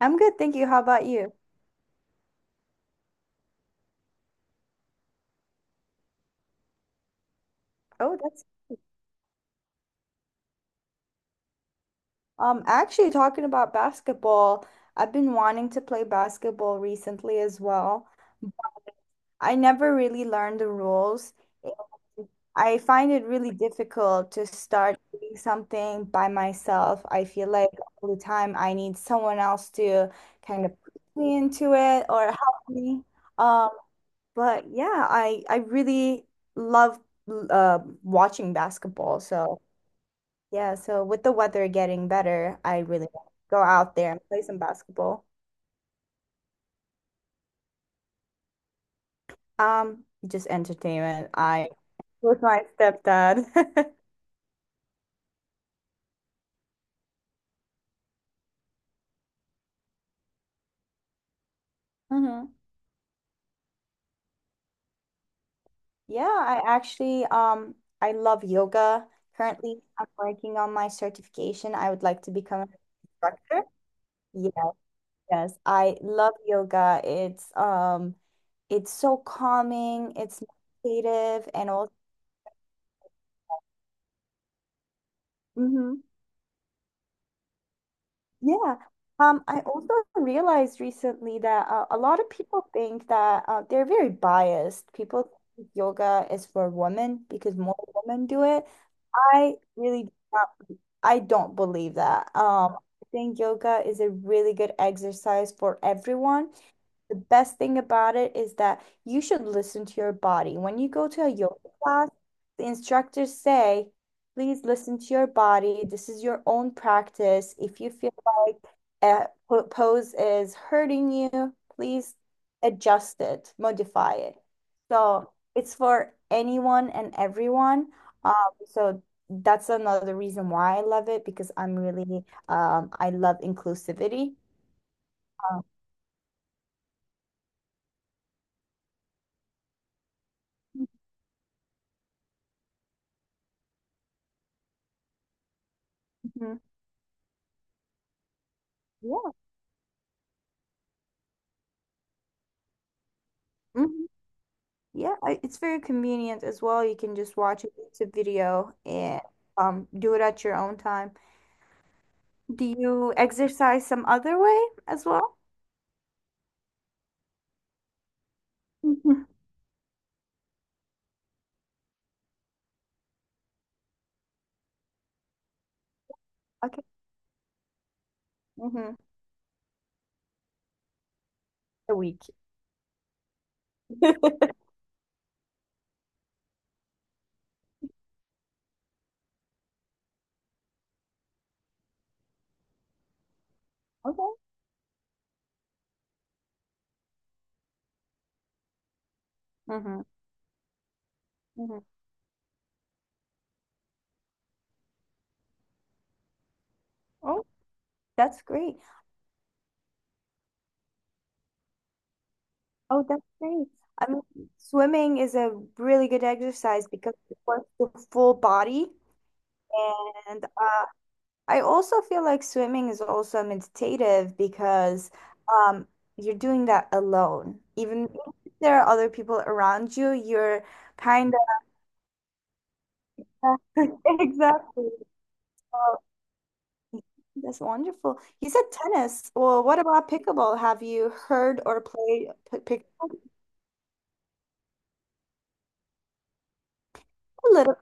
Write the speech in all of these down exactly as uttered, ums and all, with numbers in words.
I'm good, thank you. How about you? Oh, that's um actually talking about basketball. I've been wanting to play basketball recently as well. I never really learned the rules. I find it really difficult to start doing something by myself. I feel like all the time I need someone else to kind of put me into it or help me. Um, but yeah, I I really love uh, watching basketball. So. Yeah, so with the weather getting better, I really want to go out there and play some basketball. Um, just entertainment. I with my stepdad. Hmm. Yeah, I actually um I love yoga. Currently, I'm working on my certification. I would like to become an instructor. Yeah, yes. I love yoga. It's um it's so calming, it's meditative and all. Yeah. Um, I also realized recently that uh, a lot of people think that uh, they're very biased. People think yoga is for women because more women do it. I really do not, I don't believe that. Um, I think yoga is a really good exercise for everyone. The best thing about it is that you should listen to your body. When you go to a yoga class, the instructors say, please listen to your body. This is your own practice. If you feel like a po- pose is hurting you, please adjust it, modify it. So it's for anyone and everyone. Um, so that's another reason why I love it because I'm really, um, I love inclusivity. Um, mhm. Yeah. Mhm. Yeah, I- it's very convenient as well. You can just watch a YouTube video and um do it at your own time. Do you exercise some other way as well? Mhm. Okay. Mm-hmm. A week. Okay. Mm-hmm. Mm-hmm. Oh, that's great. Oh, that's great. I mean, swimming is a really good exercise because it works the full body and uh, I also feel like swimming is also meditative because um, you're doing that alone. Even if there are other people around you, you're kind of exactly. Well, that's wonderful. You said tennis. Well, what about pickleball? Have you heard or played p- pickleball? A little.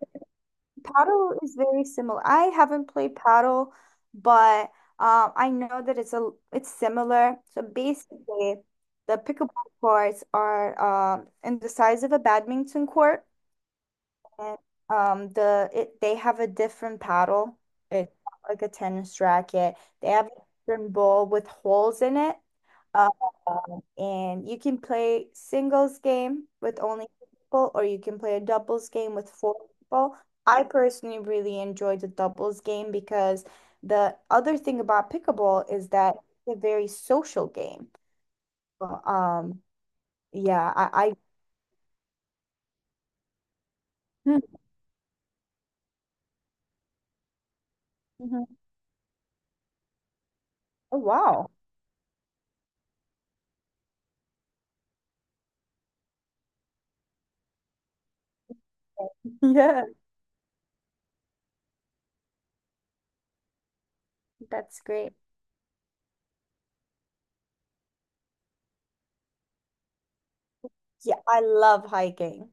Paddle is very similar. I haven't played paddle, but um, I know that it's a it's similar. So basically, the pickleball courts are um, in the size of a badminton court, and um, the it they have a different paddle. It's not like a tennis racket. They have a different ball with holes in it, uh, and you can play singles game with only two people, or you can play a doubles game with four people. I personally really enjoy the doubles game because the other thing about pickleball is that it's a very social game. But, Um, yeah, I, I Hmm. Mhm. Oh wow. Yeah, that's great. Yeah, I love hiking.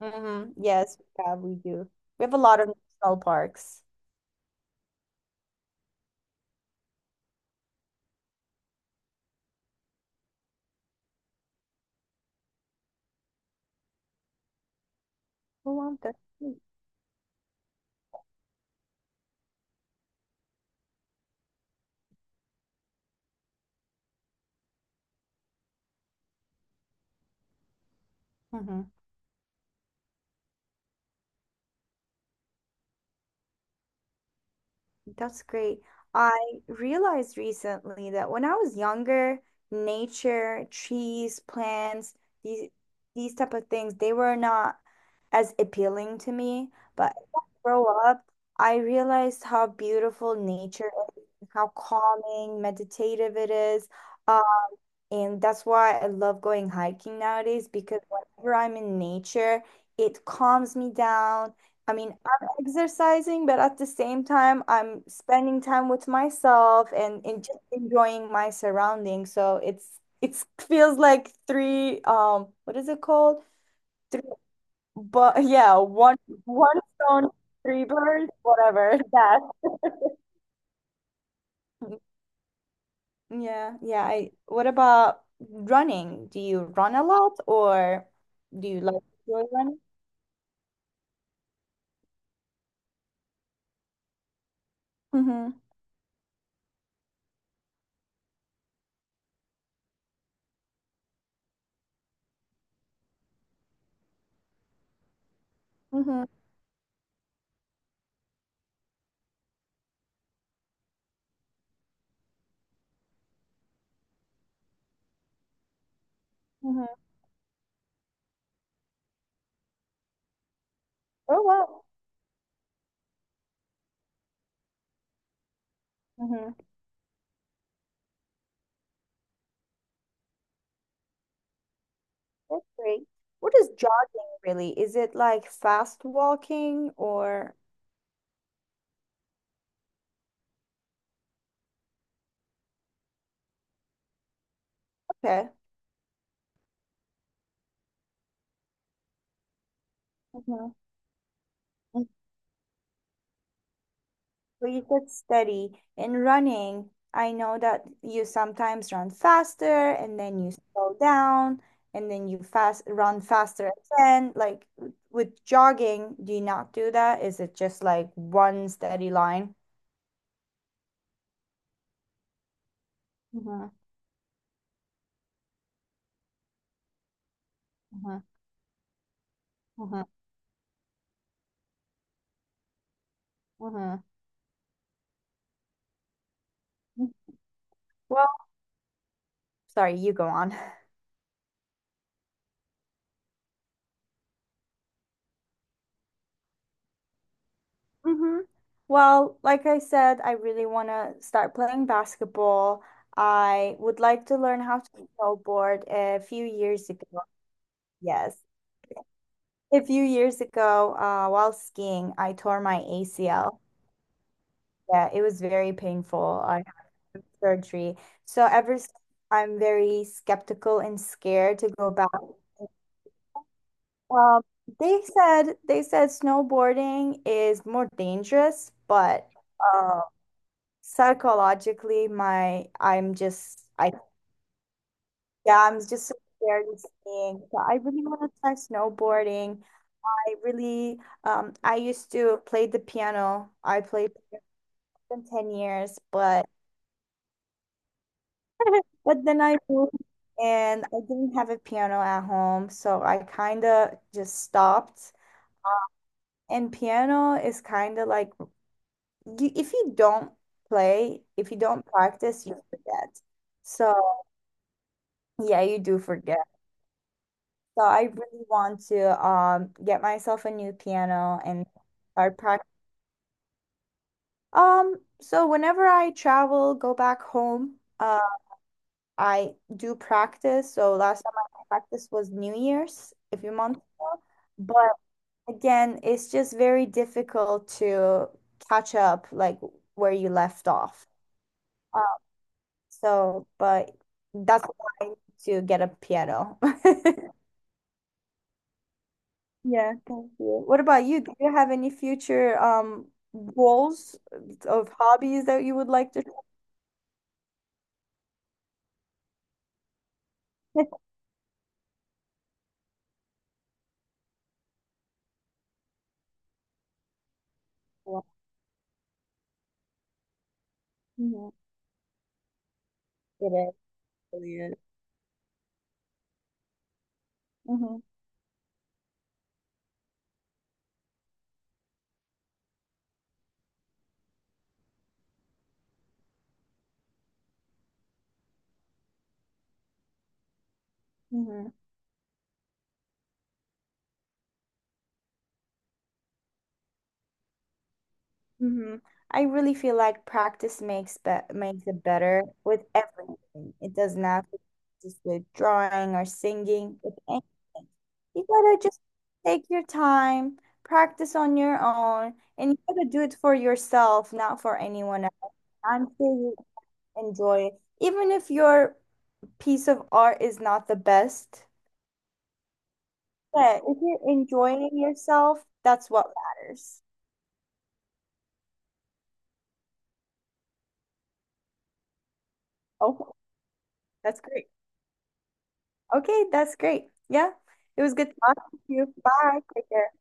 Hmm. Yes, yeah, we do. We have a lot of national parks. Who want that? Hmm. That's great. I realized recently that when I was younger, nature, trees, plants, these these type of things, they were not as appealing to me. But as I grow up, I realized how beautiful nature is, how calming, meditative it is. And that's why I love going hiking nowadays because whenever I'm in nature, it calms me down. I mean, I'm exercising, but at the same time, I'm spending time with myself and, and just enjoying my surroundings. So it's it's feels like three um what is it called? Three but yeah, one one stone, three birds, whatever that. Yeah, yeah. I, what about running? Do you run a lot or do you like enjoy running? Mm-hmm. Mm-hmm. Mm-hmm. Oh, wow. Mm-hmm. That's great. What is jogging really? Is it like fast walking or okay. Mm-hmm. So you said steady. In running, I know that you sometimes run faster and then you slow down and then you fast run faster again. Like with jogging, do you not do that? Is it just like one steady line? Mm-hmm, mm-hmm, mm-hmm, mm-hmm. Well, sorry, you go on. Mm-hmm. Well, like I said, I really want to start playing basketball. I would like to learn how to snowboard a few years ago. Yes. A few years ago, uh, while skiing, I tore my A C L. Yeah, it was very painful. I had surgery. So ever since, I'm very skeptical and scared to go back. Um, they said they said snowboarding is more dangerous, but uh, psychologically, my I'm just I yeah, I'm just so scared of skiing. So I really want to try snowboarding. I really um I used to play the piano. I played than ten years, but but then I moved and I didn't have a piano at home, so I kind of just stopped. And piano is kind of like you, if you don't play, if you don't practice, you forget. So yeah, you do forget. So I really want to um get myself a new piano and start practicing. Um, so whenever I travel, go back home, uh, I do practice. So last time I practiced was New Year's a few months ago. But again, it's just very difficult to catch up like where you left off. Um, so, but that's why I need to get a piano. Yeah, thank you. What about you? Do you have any future um goals of hobbies that you would like to? Yeah, it is. It is. Hmm. Hmm. I really feel like practice makes be makes it better with everything. It does not just with drawing or singing, with anything. You gotta just take your time, practice on your own, and you gotta do it for yourself, not for anyone else. I'm sure you enjoy it. Even if your piece of art is not the best, but if you're enjoying yourself, that's what matters. Oh, that's great. Okay, that's great. Yeah, it was good talking to you. Bye. Take care.